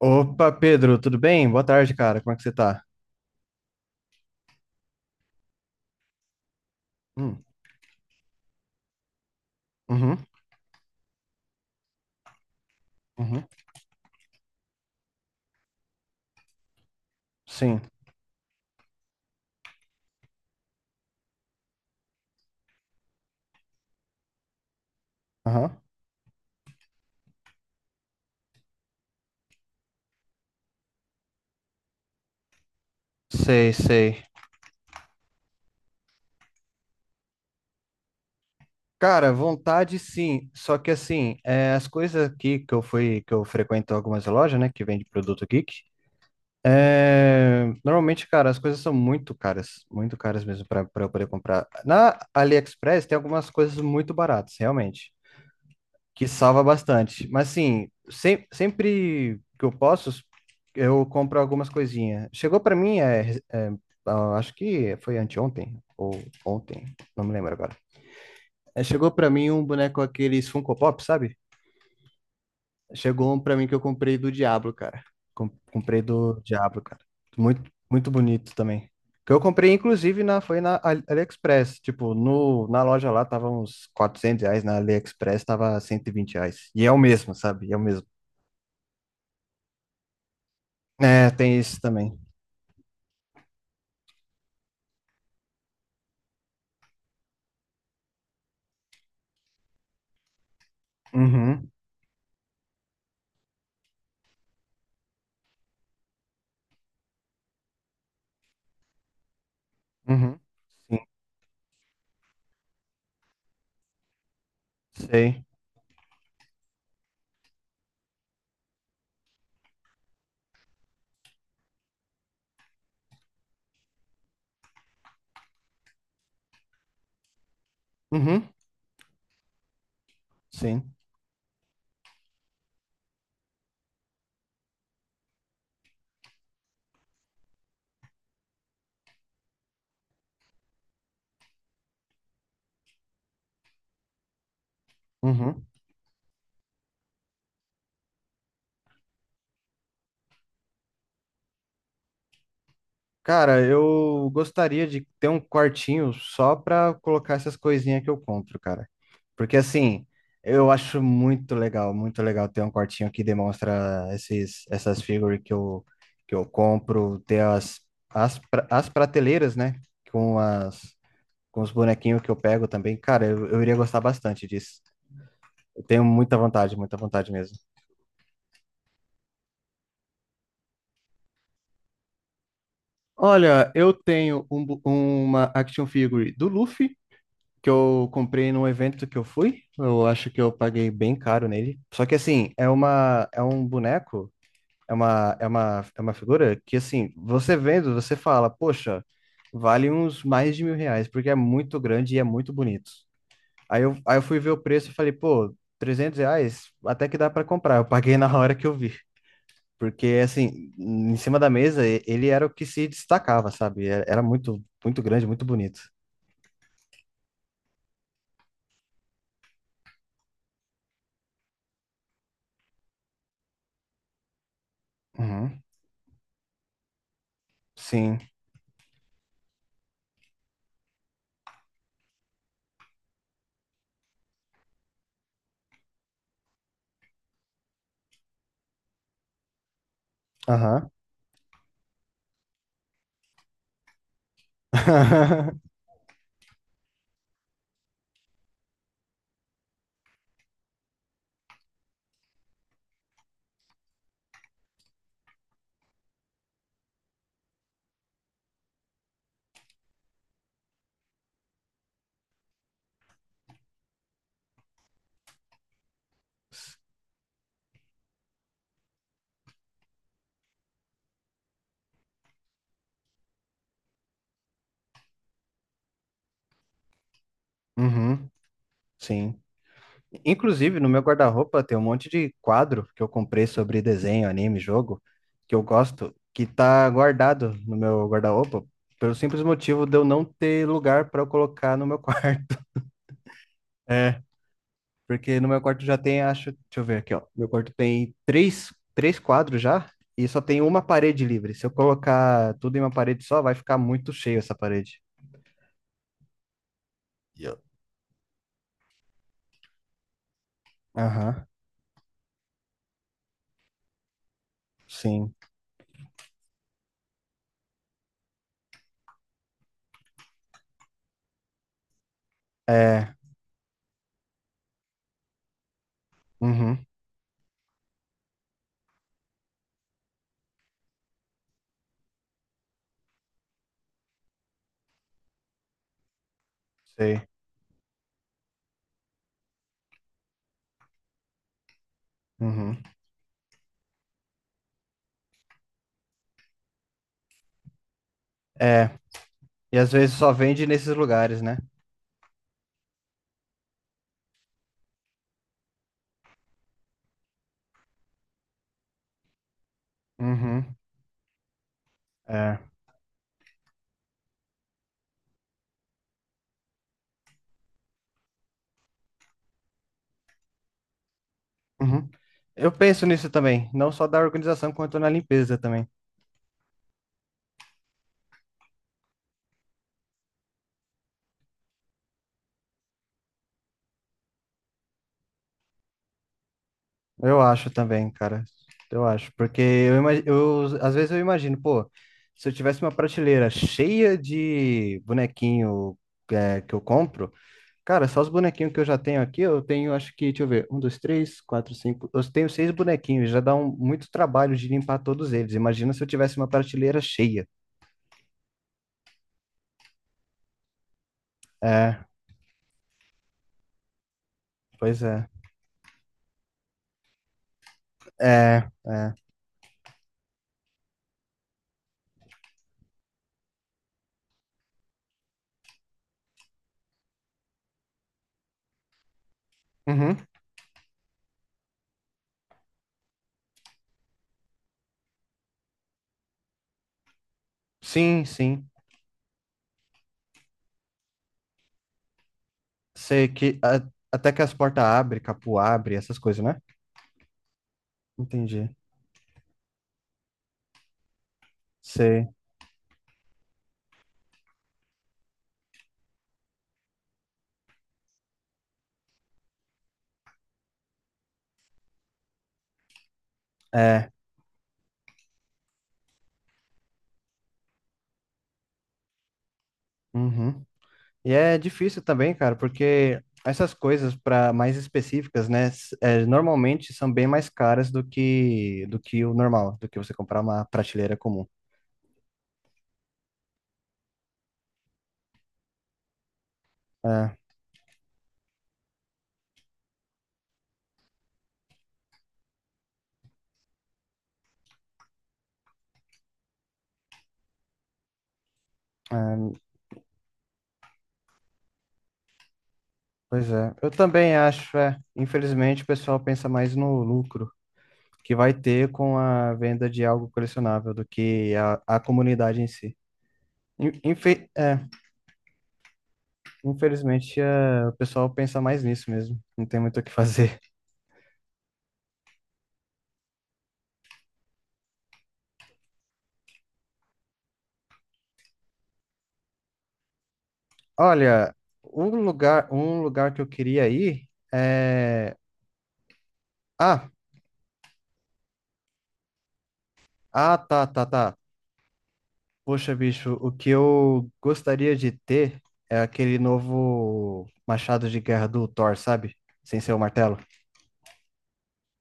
Opa, Pedro, tudo bem? Boa tarde, cara. Como é que você tá? Hum, uhum, uhum, sim, aham. Sei, sei. Cara, vontade sim, só que assim, as coisas aqui que eu fui, que eu frequento algumas lojas, né, que vende produto geek, normalmente, cara, as coisas são muito caras mesmo para eu poder comprar. Na AliExpress tem algumas coisas muito baratas, realmente, que salva bastante. Mas assim, sempre que eu posso, eu compro algumas coisinhas. Chegou para mim, ah, acho que foi anteontem ou ontem, não me lembro agora. É, chegou para mim um boneco aqueles Funko Pop, sabe? Chegou um para mim que eu comprei do Diablo, cara. Comprei do Diablo, cara. Muito, muito bonito também. Que eu comprei, inclusive, foi na AliExpress. Tipo, no, na loja lá tava uns R$ 400, na AliExpress tava R$ 120. E é o mesmo, sabe? É o mesmo. É, tem isso também. Uhum, uhum, sim, sei. Uhum, sim, uhum. Cara, eu gostaria de ter um quartinho só pra colocar essas coisinhas que eu compro, cara. Porque assim, eu acho muito legal ter um quartinho que demonstra essas figuras que eu compro, ter as prateleiras, né? Com as, com os bonequinhos que eu pego também. Cara, eu iria gostar bastante disso. Eu tenho muita vontade mesmo. Olha, eu tenho uma action figure do Luffy, que eu comprei num evento que eu fui. Eu acho que eu paguei bem caro nele. Só que assim, é uma, é um boneco, é uma figura que assim, você vendo, você fala, poxa, vale uns mais de R$ 1.000, porque é muito grande e é muito bonito. Aí eu fui ver o preço e falei, pô, R$ 300, até que dá pra comprar. Eu paguei na hora que eu vi. Porque, assim, em cima da mesa, ele era o que se destacava, sabe? Era muito, muito grande, muito bonito. Uhum. Sim. Aham. Uhum. Sim. Inclusive, no meu guarda-roupa tem um monte de quadro que eu comprei sobre desenho, anime, jogo, que eu gosto, que tá guardado no meu guarda-roupa, pelo simples motivo de eu não ter lugar para eu colocar no meu quarto. Porque no meu quarto já tem, acho, deixa eu ver aqui, ó. Meu quarto tem três quadros já e só tem uma parede livre. Se eu colocar tudo em uma parede só, vai ficar muito cheio essa parede. Yeah. Aham, sim. É, uhum, sei. Uhum. É, e às vezes só vende nesses lugares, né? Uhum, é. Uhum. Eu penso nisso também, não só da organização, quanto na limpeza também. Eu acho também, cara. Eu acho, porque eu às vezes eu imagino, pô, se eu tivesse uma prateleira cheia de bonequinho que eu compro, cara, só os bonequinhos que eu já tenho aqui, eu tenho, acho que, deixa eu ver, um, dois, três, quatro, cinco, eu tenho seis bonequinhos, já dá muito trabalho de limpar todos eles. Imagina se eu tivesse uma prateleira cheia. É, pois é. É, uhum. Sim, sim. Sei que até que as portas abrem, capô abre, essas coisas, né? Entendi. Sei. É. Uhum. E é difícil também, cara, porque essas coisas para mais específicas, né, normalmente são bem mais caras do que o normal, do que você comprar uma prateleira comum. É, é, pois é. Eu também acho, é. Infelizmente, o pessoal pensa mais no lucro que vai ter com a venda de algo colecionável do que a comunidade em si. In- infe- é, infelizmente, o pessoal pensa mais nisso mesmo. Não tem muito o que fazer. Olha, um lugar que eu queria ir é. Ah, ah, tá, tá, tá. Poxa, bicho, o que eu gostaria de ter é aquele novo machado de guerra do Thor, sabe? Sem ser o martelo.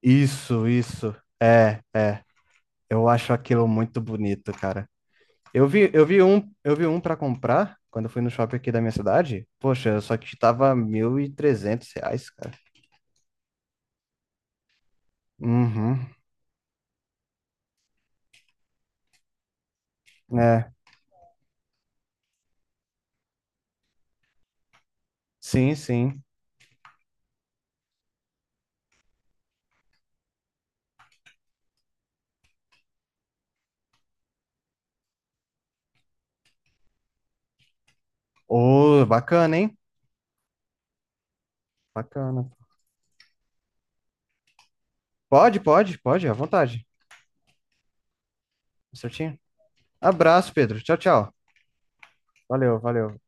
Isso, isso. É, é. Eu acho aquilo muito bonito, cara. Eu vi um para comprar quando eu fui no shopping aqui da minha cidade. Poxa, só que tava R$ 1.300, cara. Uhum. É. Sim, sim. Ô, bacana, hein? Bacana. Pode, pode, pode, à vontade. Certinho. Abraço, Pedro. Tchau, tchau. Valeu, valeu.